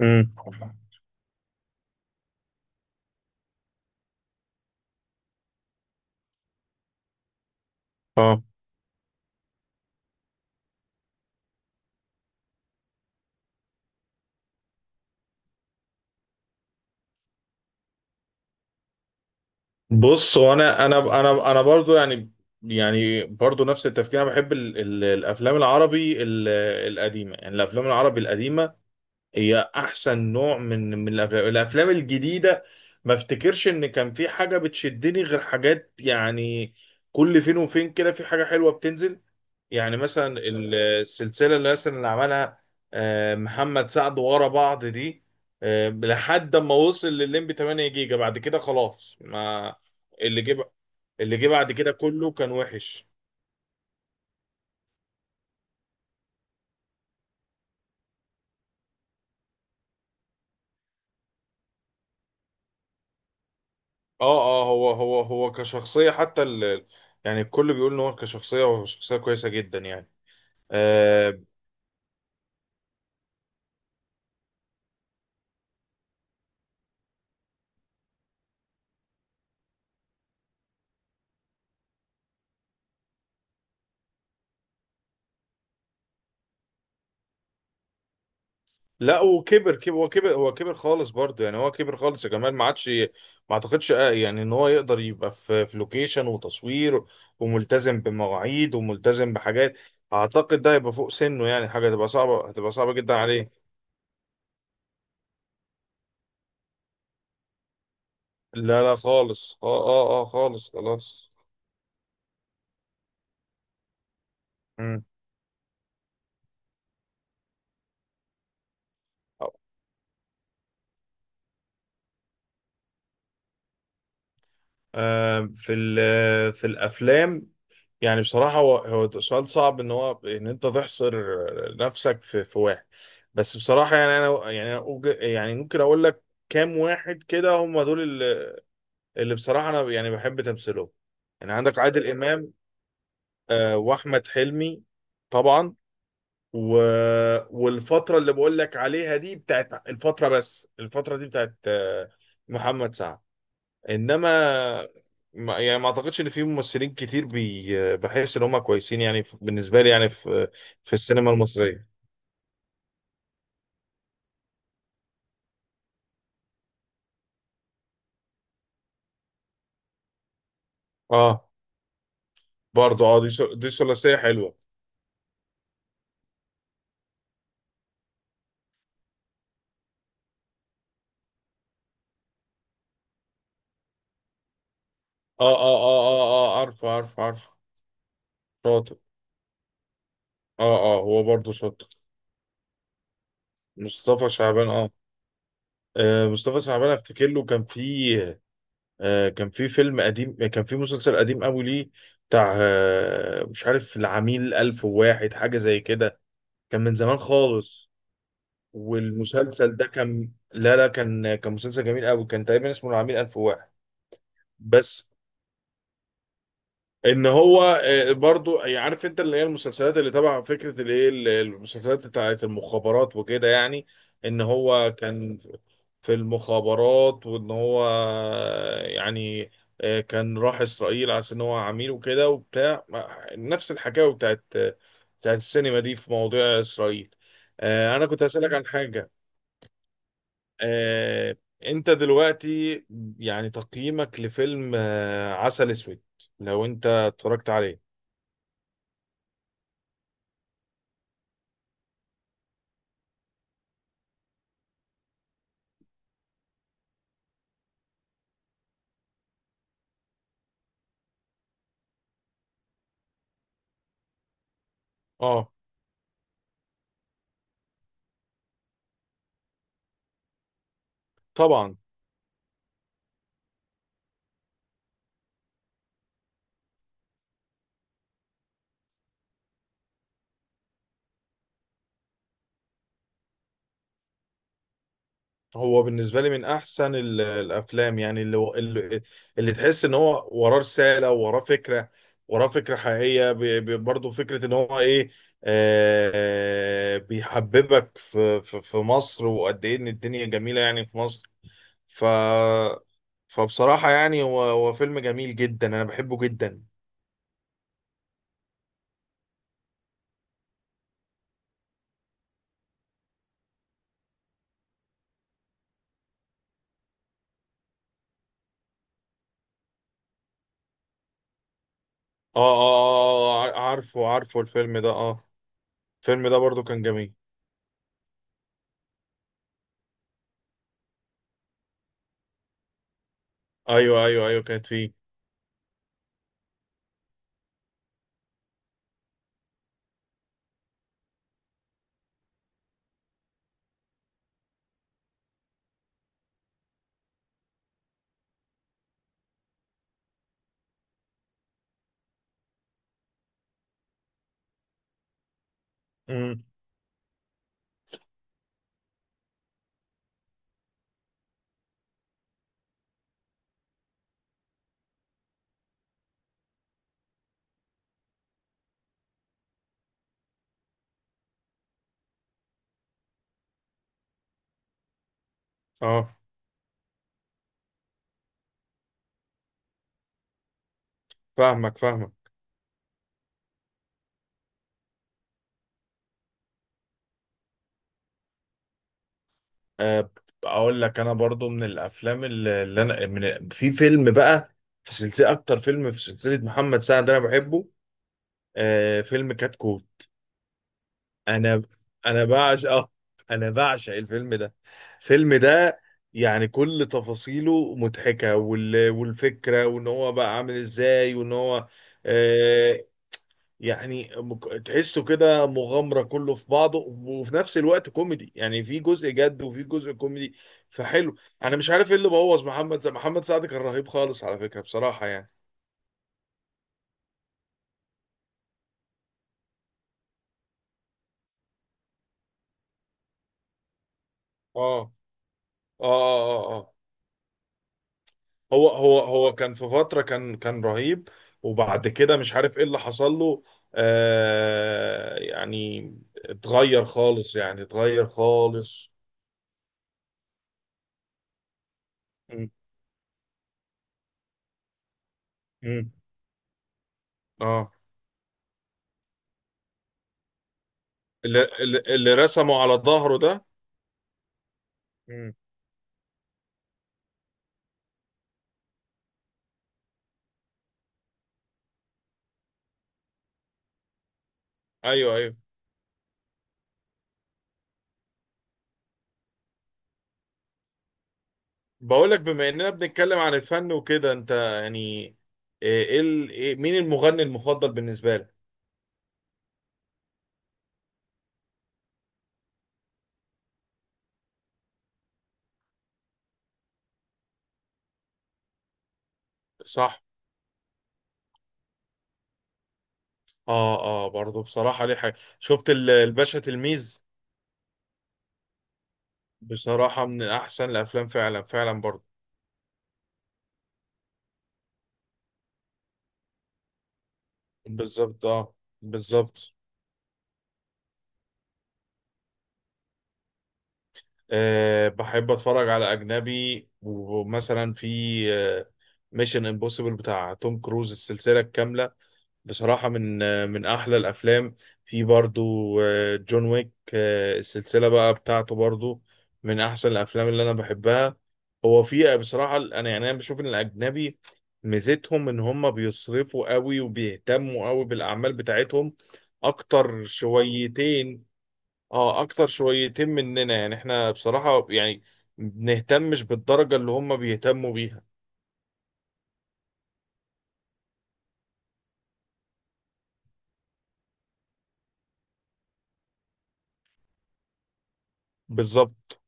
امم اه بص، وانا انا انا انا أنا برضو يعني برضو نفس التفكير. انا بحب ال الافلام العربي القديمه، يعني الافلام العربي القديمه هي احسن نوع من الافلام الجديده ما افتكرش ان كان في حاجه بتشدني، غير حاجات يعني كل فين وفين كده في حاجه حلوه بتنزل. يعني مثلا السلسلة اللي مثلا اللي عملها محمد سعد ورا بعض دي، لحد ما وصل للليمبي 8 جيجا بعد كده خلاص. ما اللي جه اللي جه بعد كده كله كان وحش. اه، اه، هو كشخصية حتى يعني الكل بيقول ان هو كشخصية، هو شخصية كويسة جدا، يعني آه، لا. وكبر، كبر، هو كبر، هو كبر خالص برضه، يعني هو كبر خالص يا جمال. ما عادش، ما اعتقدش يعني ان هو يقدر يبقى في لوكيشن وتصوير، وملتزم بمواعيد وملتزم بحاجات. اعتقد ده هيبقى فوق سنه، يعني حاجه هتبقى صعبه، هتبقى صعبه جدا عليه. لا، لا، خالص. اه، اه، اه، خالص، خلاص. مم. في في الافلام، يعني بصراحة هو سؤال صعب ان هو ان انت تحصر نفسك في واحد. بس بصراحة يعني انا يعني أنا أوج- يعني ممكن اقول لك كام واحد كده هم دول اللي بصراحة انا يعني بحب تمثيلهم. يعني عندك عادل امام، واحمد حلمي طبعا، و... والفترة اللي بقول لك عليها دي بتاعت الفترة، بس الفترة دي بتاعت محمد سعد. انما ما اعتقدش ان في ممثلين كتير بحس ان هم كويسين، يعني بالنسبه لي يعني في السينما المصريه. اه، برضو اه، دي ثلاثيه حلوه. اه، اه، اه، اه، اه، عارف، عارف، عارف. شاطر. اه، اه، هو برضو شاطر. مصطفى شعبان، اه. مصطفى شعبان افتكر له كان في كان في فيلم قديم، كان في مسلسل قديم قوي ليه، بتاع مش عارف، العميل ألف وواحد حاجة زي كده، كان من زمان خالص. والمسلسل ده كان، لا، لا، كان مسلسل جميل قوي، كان تقريبا اسمه العميل 1001. بس ان هو برضو يعني عارف انت اللي هي المسلسلات اللي تبع فكره المسلسلات بتاعت المخابرات وكده، يعني ان هو كان في المخابرات، وان هو يعني كان راح اسرائيل عشان ان هو عميل وكده وبتاع. نفس الحكايه بتاعت السينما دي في مواضيع اسرائيل. انا كنت هسألك عن حاجه. آه، انت دلوقتي يعني تقييمك لفيلم عسل اسود لو انت اتفرجت عليه؟ اه، طبعا. هو بالنسبه لي من احسن الافلام، يعني اللي تحس ان هو وراه رساله، وراه فكره، وراه فكره حقيقيه. برضه فكره ان هو ايه، بيحببك في مصر، وقد ايه ان الدنيا جميله يعني في مصر. ف فبصراحه يعني هو فيلم جميل جدا، انا بحبه جدا. اه، اه، اه، عارفه، عارفه الفيلم ده، اه. الفيلم ده برضو كان جميل. ايوه، ايوه، ايوه، كانت فيه. امم اه، فاهمك، فاهمك. آه اقول لك انا برضو من الافلام اللي انا في فيلم بقى، في سلسله، اكتر فيلم في سلسله محمد سعد انا بحبه، فيلم كتكوت. انا انا بعشق. اه انا بعشق الفيلم ده. الفيلم ده يعني كل تفاصيله مضحكه، والفكره، وان هو بقى عامل ازاي، وان هو آه، يعني تحسه كده مغامرة كله في بعضه، وفي نفس الوقت كوميدي، يعني في جزء جد وفي جزء كوميدي. فحلو. انا مش عارف ايه اللي بوظ محمد سعد. محمد سعد كان رهيب خالص على فكرة، بصراحة يعني. اه، اه، اه، اه، اه. هو كان في فترة كان رهيب، وبعد كده مش عارف ايه اللي حصل له. يعني اتغير خالص، يعني اتغير خالص. مم. مم. اه، اللي رسمه على ظهره ده. مم. ايوه، ايوه. بقولك، بما اننا بنتكلم عن الفن وكده، انت يعني إيه مين المغني المفضل بالنسبه لك؟ صح. اه، اه، برضه بصراحه ليه حاجه، شفت الباشا تلميذ، بصراحه من احسن الافلام، فعلا، فعلا برضه. بالظبط. اه، بالظبط. بحب اتفرج على اجنبي، ومثلا في ميشن امبوسيبل بتاع توم كروز السلسله الكامله، بصراحة من أحلى الأفلام. في برضو جون ويك، السلسلة بقى بتاعته برضو، من أحسن الأفلام اللي أنا بحبها. هو في بصراحة، أنا بشوف إن الأجنبي ميزتهم إن هم بيصرفوا قوي، وبيهتموا قوي بالأعمال بتاعتهم أكتر شويتين. أكتر شويتين مننا، يعني إحنا بصراحة يعني بنهتمش بالدرجة اللي هم بيهتموا بيها. بالظبط.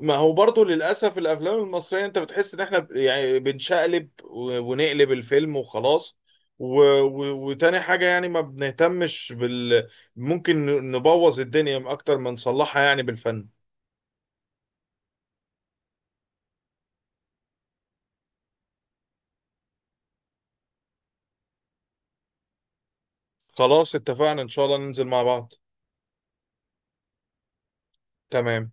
ما هو برضو للأسف الأفلام المصرية أنت بتحس إن إحنا يعني بنشقلب ونقلب الفيلم وخلاص، وتاني حاجة يعني ما بنهتمش ممكن نبوظ الدنيا أكتر ما نصلحها يعني بالفن. خلاص، اتفقنا إن شاء الله ننزل مع بعض. تمام.